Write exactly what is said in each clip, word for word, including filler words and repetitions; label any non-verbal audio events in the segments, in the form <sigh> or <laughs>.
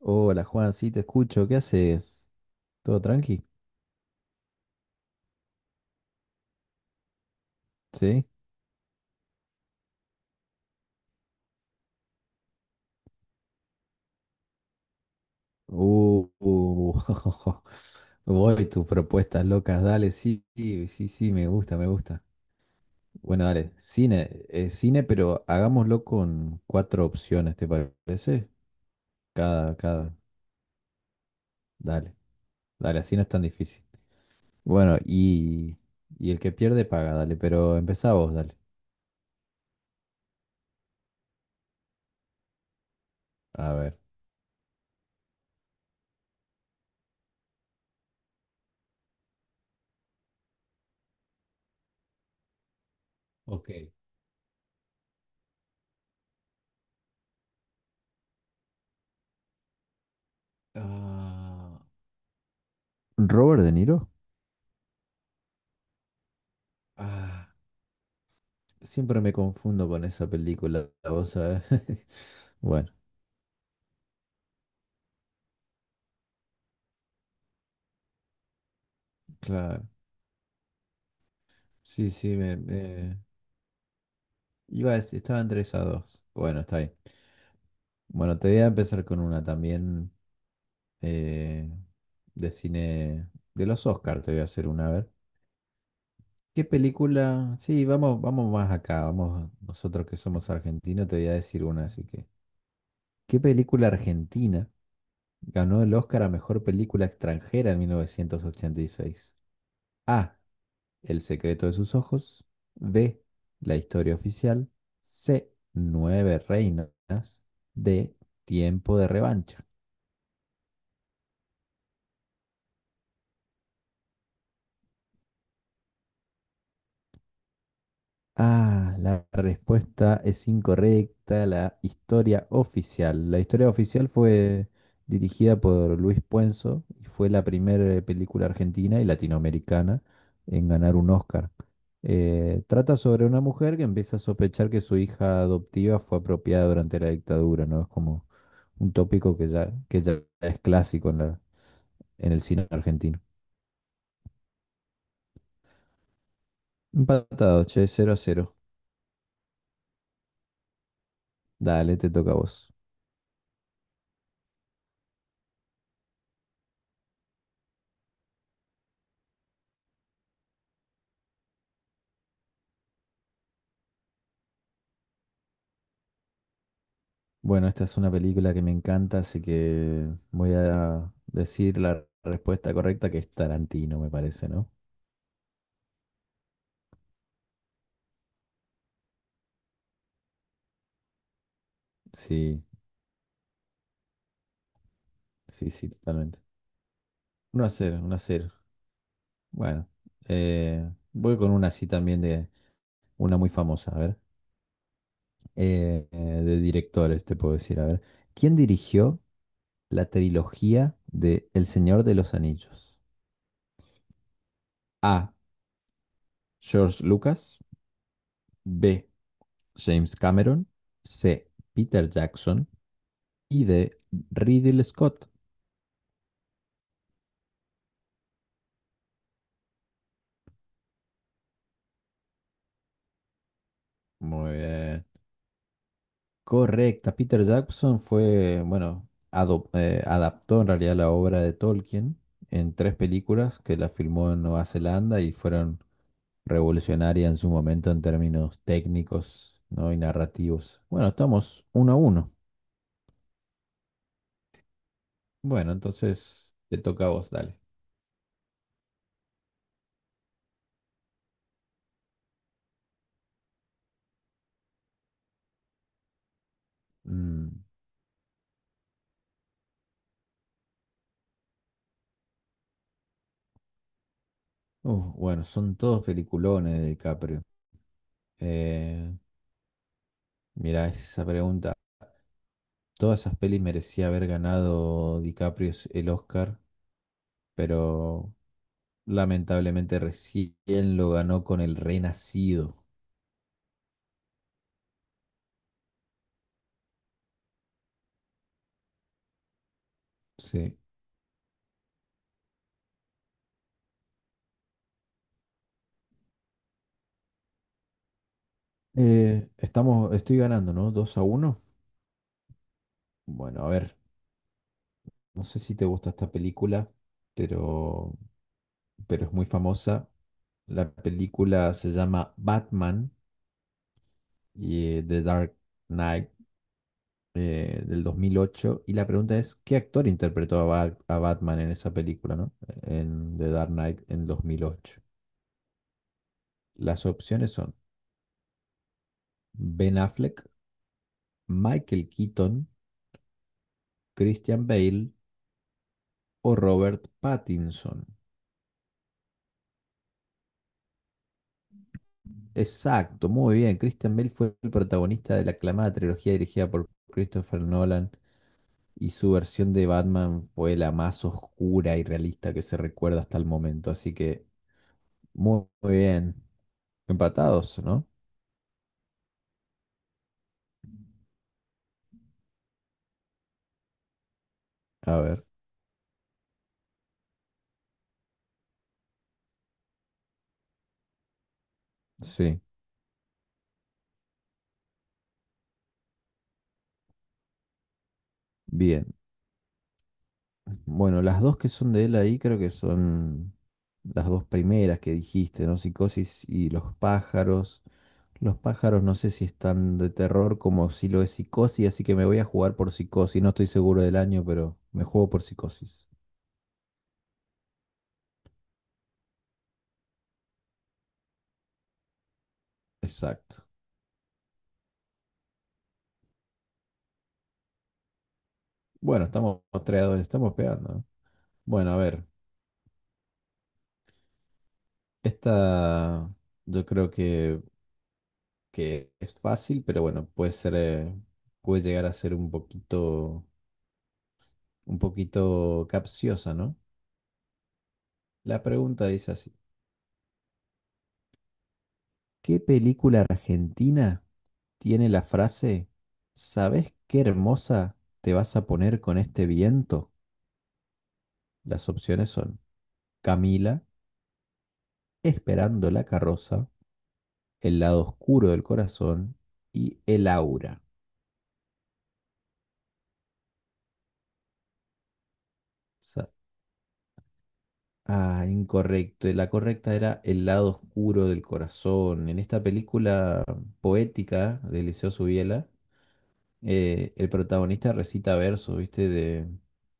Hola Juan, sí te escucho, ¿qué haces? ¿Todo tranqui? ¿Sí? Uh, uh, <laughs> voy tus propuestas locas, dale, sí, sí, sí, sí, me gusta, me gusta. Bueno, dale, cine, eh, cine, pero hagámoslo con cuatro opciones, ¿te parece? Cada, cada, dale, dale, así no es tan difícil. Bueno, y, y el que pierde paga, dale, pero empezá vos, dale. A ver. Ok. Ah, ¿Robert De Niro? Ah, siempre me confundo con esa película, vos sabés. <laughs> Bueno, claro. Sí, sí, me, me- iba a decir, estaba entre esas dos. Bueno, está bien. Bueno, te voy a empezar con una también, eh, de cine de los Oscars, te voy a hacer una, a ver. ¿Qué película? Sí, vamos, vamos más acá, vamos, nosotros que somos argentinos, te voy a decir una, así que. ¿Qué película argentina ganó el Oscar a mejor película extranjera en mil novecientos ochenta y seis? A. El secreto de sus ojos. B. La historia oficial. C. Nueve reinas. D. Tiempo de revancha. Ah, la respuesta es incorrecta. La historia oficial. La historia oficial fue dirigida por Luis Puenzo y fue la primera eh, película argentina y latinoamericana en ganar un Oscar. Eh, trata sobre una mujer que empieza a sospechar que su hija adoptiva fue apropiada durante la dictadura, ¿no? Es como un tópico que ya, que ya es clásico en la, en el cine argentino. Empatado, che, cero a cero. Dale, te toca a vos. Bueno, esta es una película que me encanta, así que voy a decir la respuesta correcta, que es Tarantino, me parece, ¿no? Sí, sí, sí, totalmente. uno a cero, uno a cero. Bueno, eh, voy con una así también de una muy famosa, a ver. Eh, eh, de directores, te puedo decir, a ver. ¿Quién dirigió la trilogía de El Señor de los Anillos? A. George Lucas. B. James Cameron. C. Peter Jackson. Y de Ridley Scott. Muy bien. Correcta. Peter Jackson fue, bueno, adop- eh, adaptó en realidad la obra de Tolkien en tres películas que la filmó en Nueva Zelanda y fueron revolucionarias en su momento en términos técnicos, ¿no?, y narrativos. Bueno, estamos uno a uno. Bueno, entonces te toca a vos, dale. Mm. Uf, bueno, son todos peliculones de DiCaprio. Eh, Mira, esa pregunta todas esas pelis merecía haber ganado DiCaprio el Oscar, pero lamentablemente recién lo ganó con El Renacido. Sí. Eh, estamos, estoy ganando, ¿no? Dos a uno. Bueno, a ver, no sé si te gusta esta película, pero, pero es muy famosa. La película se llama Batman y eh, The Dark Knight, eh, del dos mil ocho. Y la pregunta es, ¿qué actor interpretó a, Ba- a Batman en esa película, ¿no? En The Dark Knight, en dos mil ocho. Las opciones son Ben Affleck, Michael Keaton, Christian Bale o Robert Pattinson. Exacto, muy bien. Christian Bale fue el protagonista de la aclamada trilogía dirigida por Christopher Nolan, y su versión de Batman fue la más oscura y realista que se recuerda hasta el momento. Así que muy, muy bien. Empatados, ¿no? A ver. Sí, bien. Bueno, las dos que son de él ahí creo que son las dos primeras que dijiste, ¿no? Psicosis y Los pájaros. Los pájaros no sé si están de terror como si lo es Psicosis, así que me voy a jugar por Psicosis. No estoy seguro del año, pero me juego por Psicosis. Exacto. Bueno, estamos tres, estamos pegando, ¿no? Bueno, a ver, esta yo creo que, que es fácil, pero bueno, puede ser, eh, puede llegar a ser un poquito un poquito capciosa, ¿no? La pregunta dice así: ¿qué película argentina tiene la frase, ¿sabés qué hermosa te vas a poner con este viento? Las opciones son Camila, Esperando la carroza, El lado oscuro del corazón y El aura. Sa- Ah, incorrecto. La correcta era El lado oscuro del corazón. En esta película poética de Eliseo Subiela, eh, el protagonista recita versos, ¿viste? De,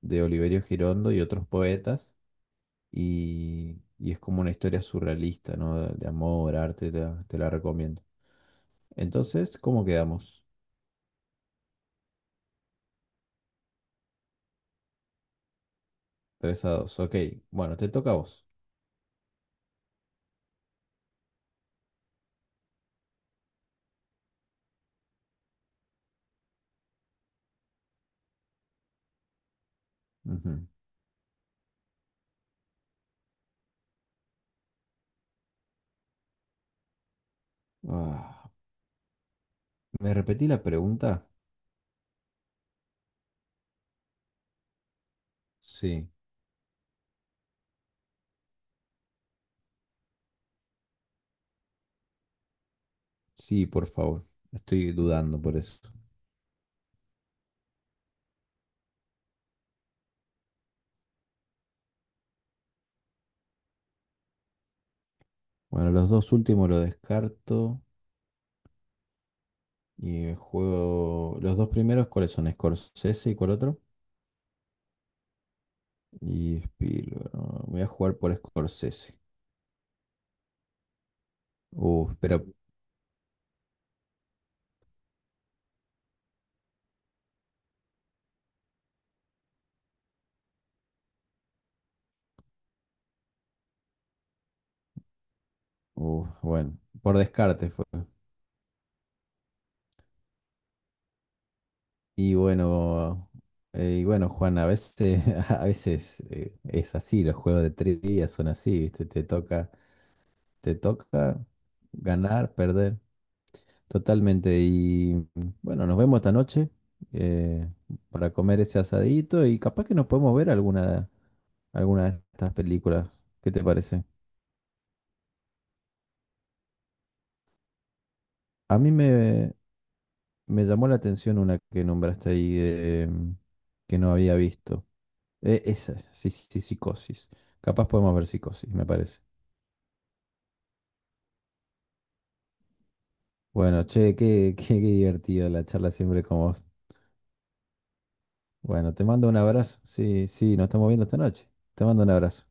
de Oliverio Girondo y otros poetas, y, y es como una historia surrealista, ¿no? De, de amor, arte, te la, te la recomiendo. Entonces, ¿cómo quedamos? Tres a dos, ok. Bueno, te toca a vos. Ujú. Ah, ¿me repetí la pregunta? Sí, sí, por favor. Estoy dudando por eso. Bueno, los dos últimos los descarto. Y juego. Los dos primeros, ¿cuáles son? Scorsese y ¿cuál otro? Y Spielberg. ah, Voy a jugar por Scorsese. Uf, pero uf, bueno, por descarte fue. Y bueno, eh, y bueno, Juan, a veces, <laughs> a veces eh, es así, los juegos de trivia son así, ¿viste? Te toca, te toca ganar, perder. Totalmente. Y bueno, nos vemos esta noche, eh, para comer ese asadito y capaz que nos podemos ver alguna, alguna de estas películas. ¿Qué te parece? A mí me, Me llamó la atención una que nombraste ahí de, em, que no había visto. Eh, esa, sí, sí, Psicosis. Capaz podemos ver Psicosis, me parece. Bueno, che, qué, <laughs> qué, qué divertido la charla siempre con vos. Bueno, te mando un abrazo. Sí, sí, nos estamos viendo esta noche. Te mando un abrazo.